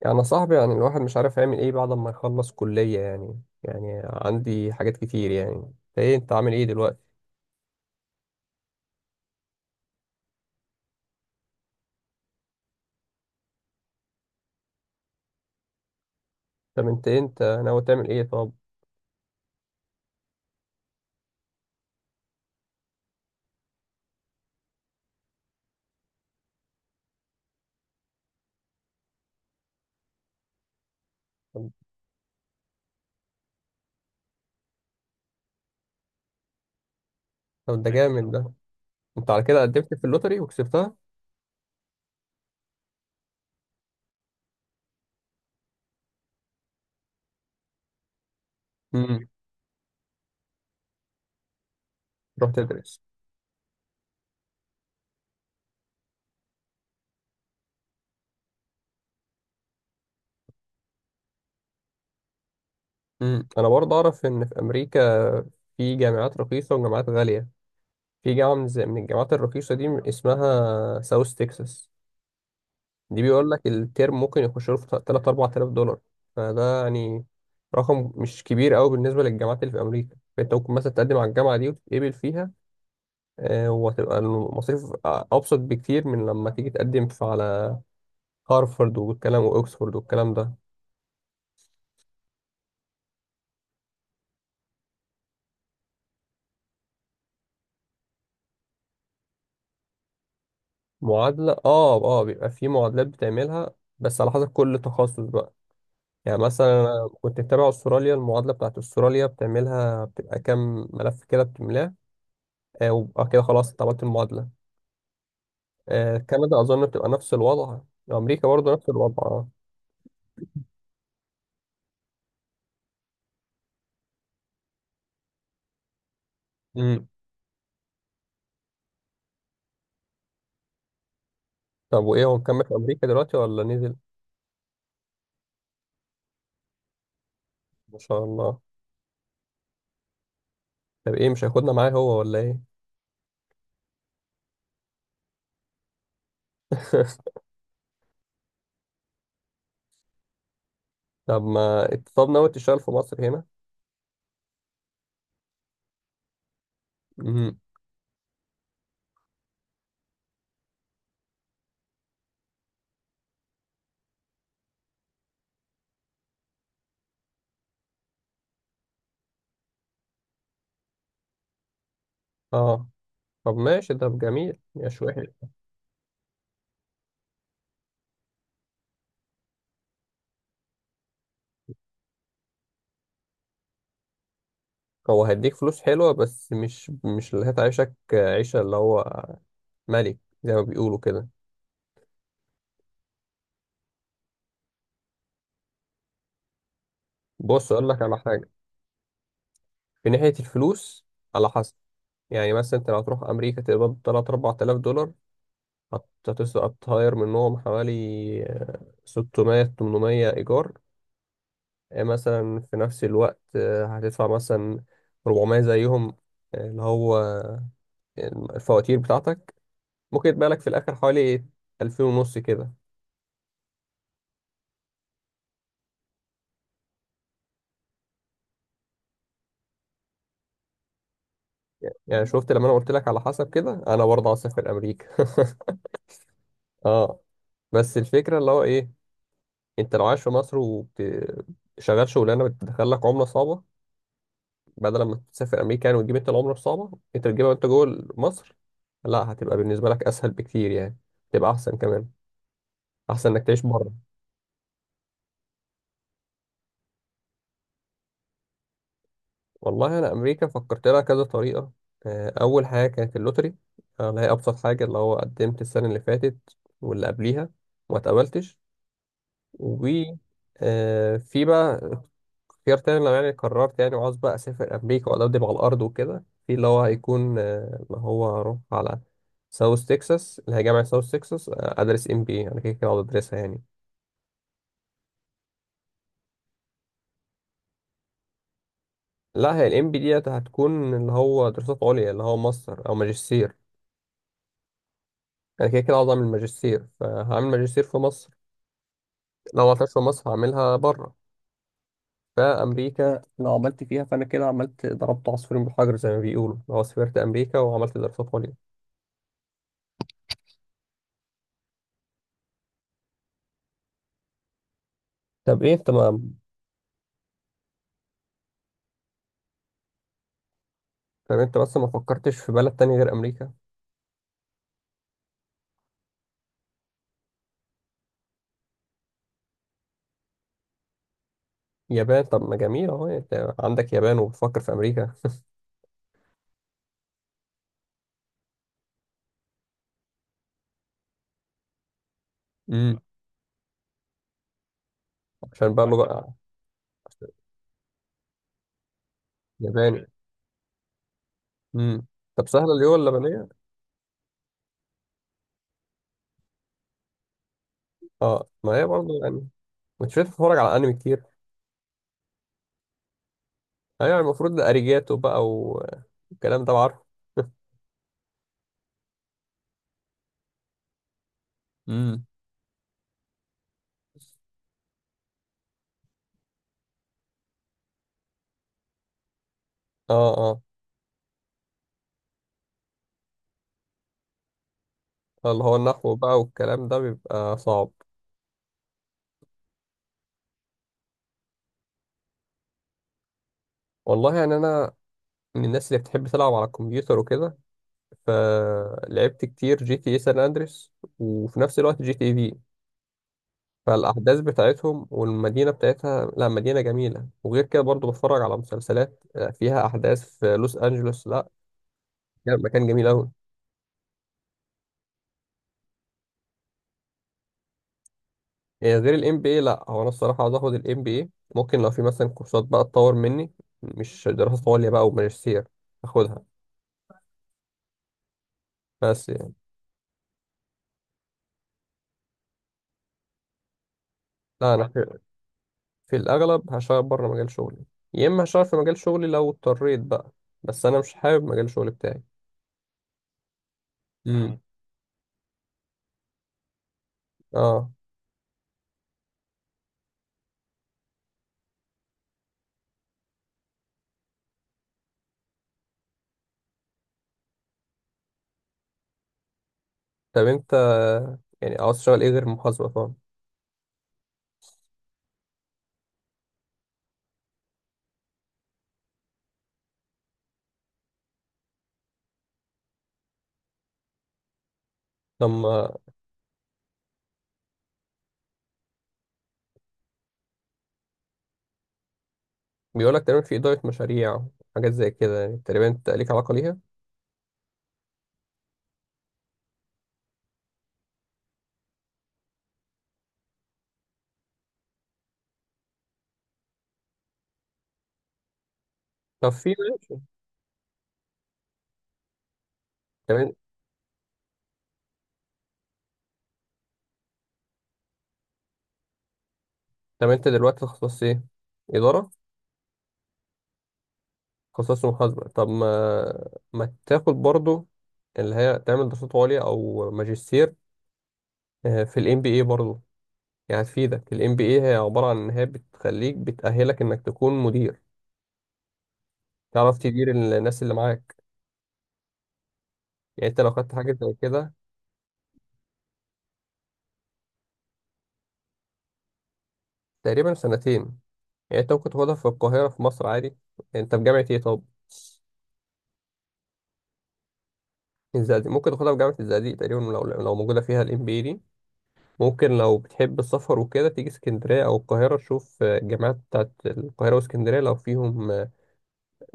يعني يا صاحبي، الواحد مش عارف يعمل ايه بعد ما يخلص كلية. يعني عندي حاجات كتير. يعني انت ايه، انت عامل ايه دلوقتي؟ طب انت إيه، انت ناوي تعمل ايه طب؟ طب طب، ده جامد ده. انت على كده قدمت في اللوتري وكسبتها؟ امم. تروح تدرس. امم، انا برضه اعرف ان في امريكا في جامعات رخيصة وجامعات غالية. في جامعة من الجامعات الرخيصة دي اسمها ساوث تكساس. دي بيقول لك الترم ممكن يخش له في 3 4000 دولار. فده يعني رقم مش كبير قوي بالنسبه للجامعات اللي في امريكا. فانت ممكن مثلا تقدم على الجامعه دي وتتقبل فيها. وهتبقى المصاريف ابسط بكتير من لما تيجي تقدم في على هارفارد والكلام، واكسفورد والكلام ده. معادله، اه اه، بيبقى في معادلات بتعملها، بس على حسب كل تخصص بقى. يعني مثلا أنا كنت متابع استراليا. المعادله بتاعت استراليا بتعملها، بتبقى كام ملف كده بتملاه. وبقى كده خلاص انت عملت المعادله. كندا أظن بتبقى نفس الوضع. أمريكا برضه نفس الوضع. مم. طب وإيه، هو مكمل في أمريكا دلوقتي ولا نزل؟ ما شاء الله. طب إيه، مش هياخدنا معاه هو ولا إيه؟ طب ما، طب ناوي تشتغل في مصر هنا؟ مم. آه، طب ماشي، ده جميل يا شوية. هو هيديك فلوس حلوة، بس مش اللي هتعيشك عيشة اللي هو ملك، زي ما بيقولوا كده. بص أقول لك على حاجة. في ناحية الفلوس، على حسب. يعني مثلا أنت لو هتروح أمريكا تقبض 3 4000 دولار، هتسقط هتطير منهم حوالي 600 800 إيجار. مثلا في نفس الوقت هتدفع مثلا 400 زيهم، اللي هو الفواتير بتاعتك. ممكن يتبقى لك في الآخر حوالي 2000 ونص كده. يعني شفت لما أنا قلت لك على حسب كده، أنا برضه عايز أسافر أمريكا. اه، بس الفكرة اللي هو إيه، أنت لو عايش في مصر وشغال شغلانة بتدخل لك عملة صعبة، بدل ما تسافر امريكا يعني وتجيب انت العمله الصعبه، انت تجيبها وانت جوه مصر. لا، هتبقى بالنسبه لك اسهل بكتير يعني. تبقى احسن كمان، احسن انك تعيش بره. والله انا امريكا فكرت لها كذا طريقه. اول حاجه كانت اللوتري، اللي هي ابسط حاجه، اللي هو قدمت السنه اللي فاتت واللي قبليها وما اتقبلتش. و في بقى اختيار تاني، لو يعني قررت يعني وعاوز بقى أسافر أمريكا وأدبدب على الأرض وكده، في اللي هو هيكون اللي هو هروح على ساوث تكساس اللي هي جامعة ساوث تكساس. أدرس إم بي أنا كده كده هقعد أدرسها يعني. لا، هي الإم بي ديت هتكون اللي هو دراسات عليا، اللي هو ماستر أو ماجستير. أنا كده كده عاوز أعمل ماجستير، فهعمل ماجستير في مصر. لو معرفتش في مصر هعملها بره. فأمريكا لو عملت فيها فأنا كده عملت ضربت عصفورين بحجر، زي ما بيقولوا، لو سافرت أمريكا وعملت دراسات عليا. طب إيه أنت ما، طب انت بس ما فكرتش في بلد تاني غير امريكا؟ يابان؟ طب ما جميل اهو، انت عندك يابان وبتفكر في امريكا. امم. عشان بقى له بقى. ياباني. امم. طب سهله اللي هو اللبنيه؟ اه ما هي برضه يعني. مش بتتفرج على انمي كتير؟ ايوه يعني المفروض ده اريجاتو بقى والكلام ده. عارفه. امم. اه اه. اللي هو النحو بقى والكلام ده بيبقى صعب. والله يعني انا من الناس اللي بتحب تلعب على الكمبيوتر وكده. فلعبت كتير جي تي اي سان اندريس، وفي نفس الوقت جي تي اي في. فالأحداث بتاعتهم والمدينة بتاعتها، لا مدينة جميلة. وغير كده برضو بتفرج على مسلسلات فيها أحداث في لوس أنجلوس. لا، مكان جميل أوي. إيه غير ال MBA؟ لا، هو أنا الصراحة عاوز آخد ال MBA. ممكن لو في مثلا كورسات بقى تطور مني، مش دراسة عليا بقى وماجستير، آخدها. بس يعني، لا أنا في, في الأغلب هشتغل بره مجال شغلي، يا إما هشتغل في مجال شغلي لو اضطريت بقى. بس أنا مش حابب مجال شغلي بتاعي. مم. اه. طب أنت يعني عاوز تشتغل إيه غير المحاسبة طبعا؟ طب بيقول لك تقريبا في إدارة مشاريع، حاجات زي كده. يعني تقريبا أنت ليك علاقة ليها. طب في ماشي. تمام. طب أنت دلوقتي تخصص إيه؟ إدارة؟ تخصص محاسبة. طب ما تاخد برضو اللي هي، تعمل دراسات عليا أو ماجستير في ال MBA برضو. يعني هتفيدك ال MBA. هي عبارة عن إن هي بتخليك، بتأهلك إنك تكون مدير، تعرف تدير الناس اللي معاك. يعني أنت لو خدت حاجة زي كده. تقريبا سنتين. يعني أنت ممكن تاخدها في القاهرة في مصر عادي. أنت في جامعة إيه طب؟ الزقازيق. ممكن تاخدها في جامعة الزقازيق تقريبا لو موجودة فيها الام بي دي. ممكن لو بتحب السفر وكده تيجي اسكندرية أو القاهرة، تشوف الجامعات بتاعت القاهرة واسكندرية لو فيهم آه،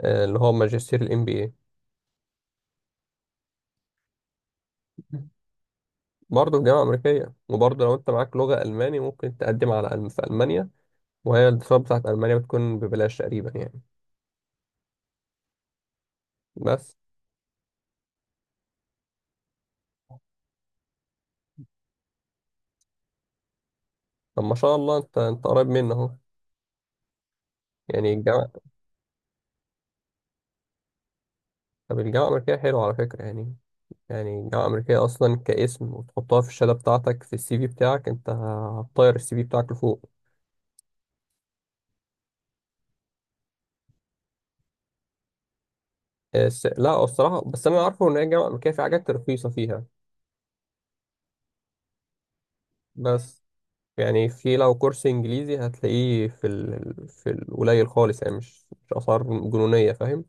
آه، اللي هو ماجستير الام بي اي. برضه في جامعة أمريكية. وبرضه لو أنت معاك لغة ألماني، ممكن تقدم على ألم في ألمانيا، وهي الدراسات بتاعت ألمانيا بتكون ببلاش تقريبا يعني. بس. طب ما شاء الله، أنت أنت قريب منه أهو، يعني الجامعة. طب الجامعة الأمريكية حلوة على فكرة يعني. يعني الجامعة الأمريكية أصلا كاسم وتحطها في الشهادة بتاعتك في السي في بتاعك، أنت هتطير السي في بتاعك لفوق. لا الصراحة، بس أنا عارفه إن هي الجامعة الأمريكية في حاجات رخيصة فيها. بس يعني في، لو كورس إنجليزي هتلاقيه في ال... في القليل خالص يعني، مش مش أسعار جنونية، فاهم؟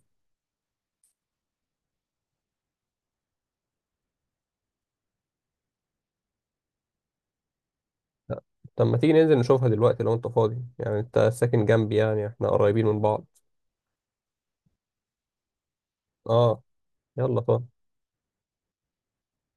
لا. طب ما تيجي ننزل نشوفها دلوقتي لو أنت فاضي؟ يعني أنت ساكن جنبي، يعني إحنا قريبين من بعض. أه. يلا، فاضي؟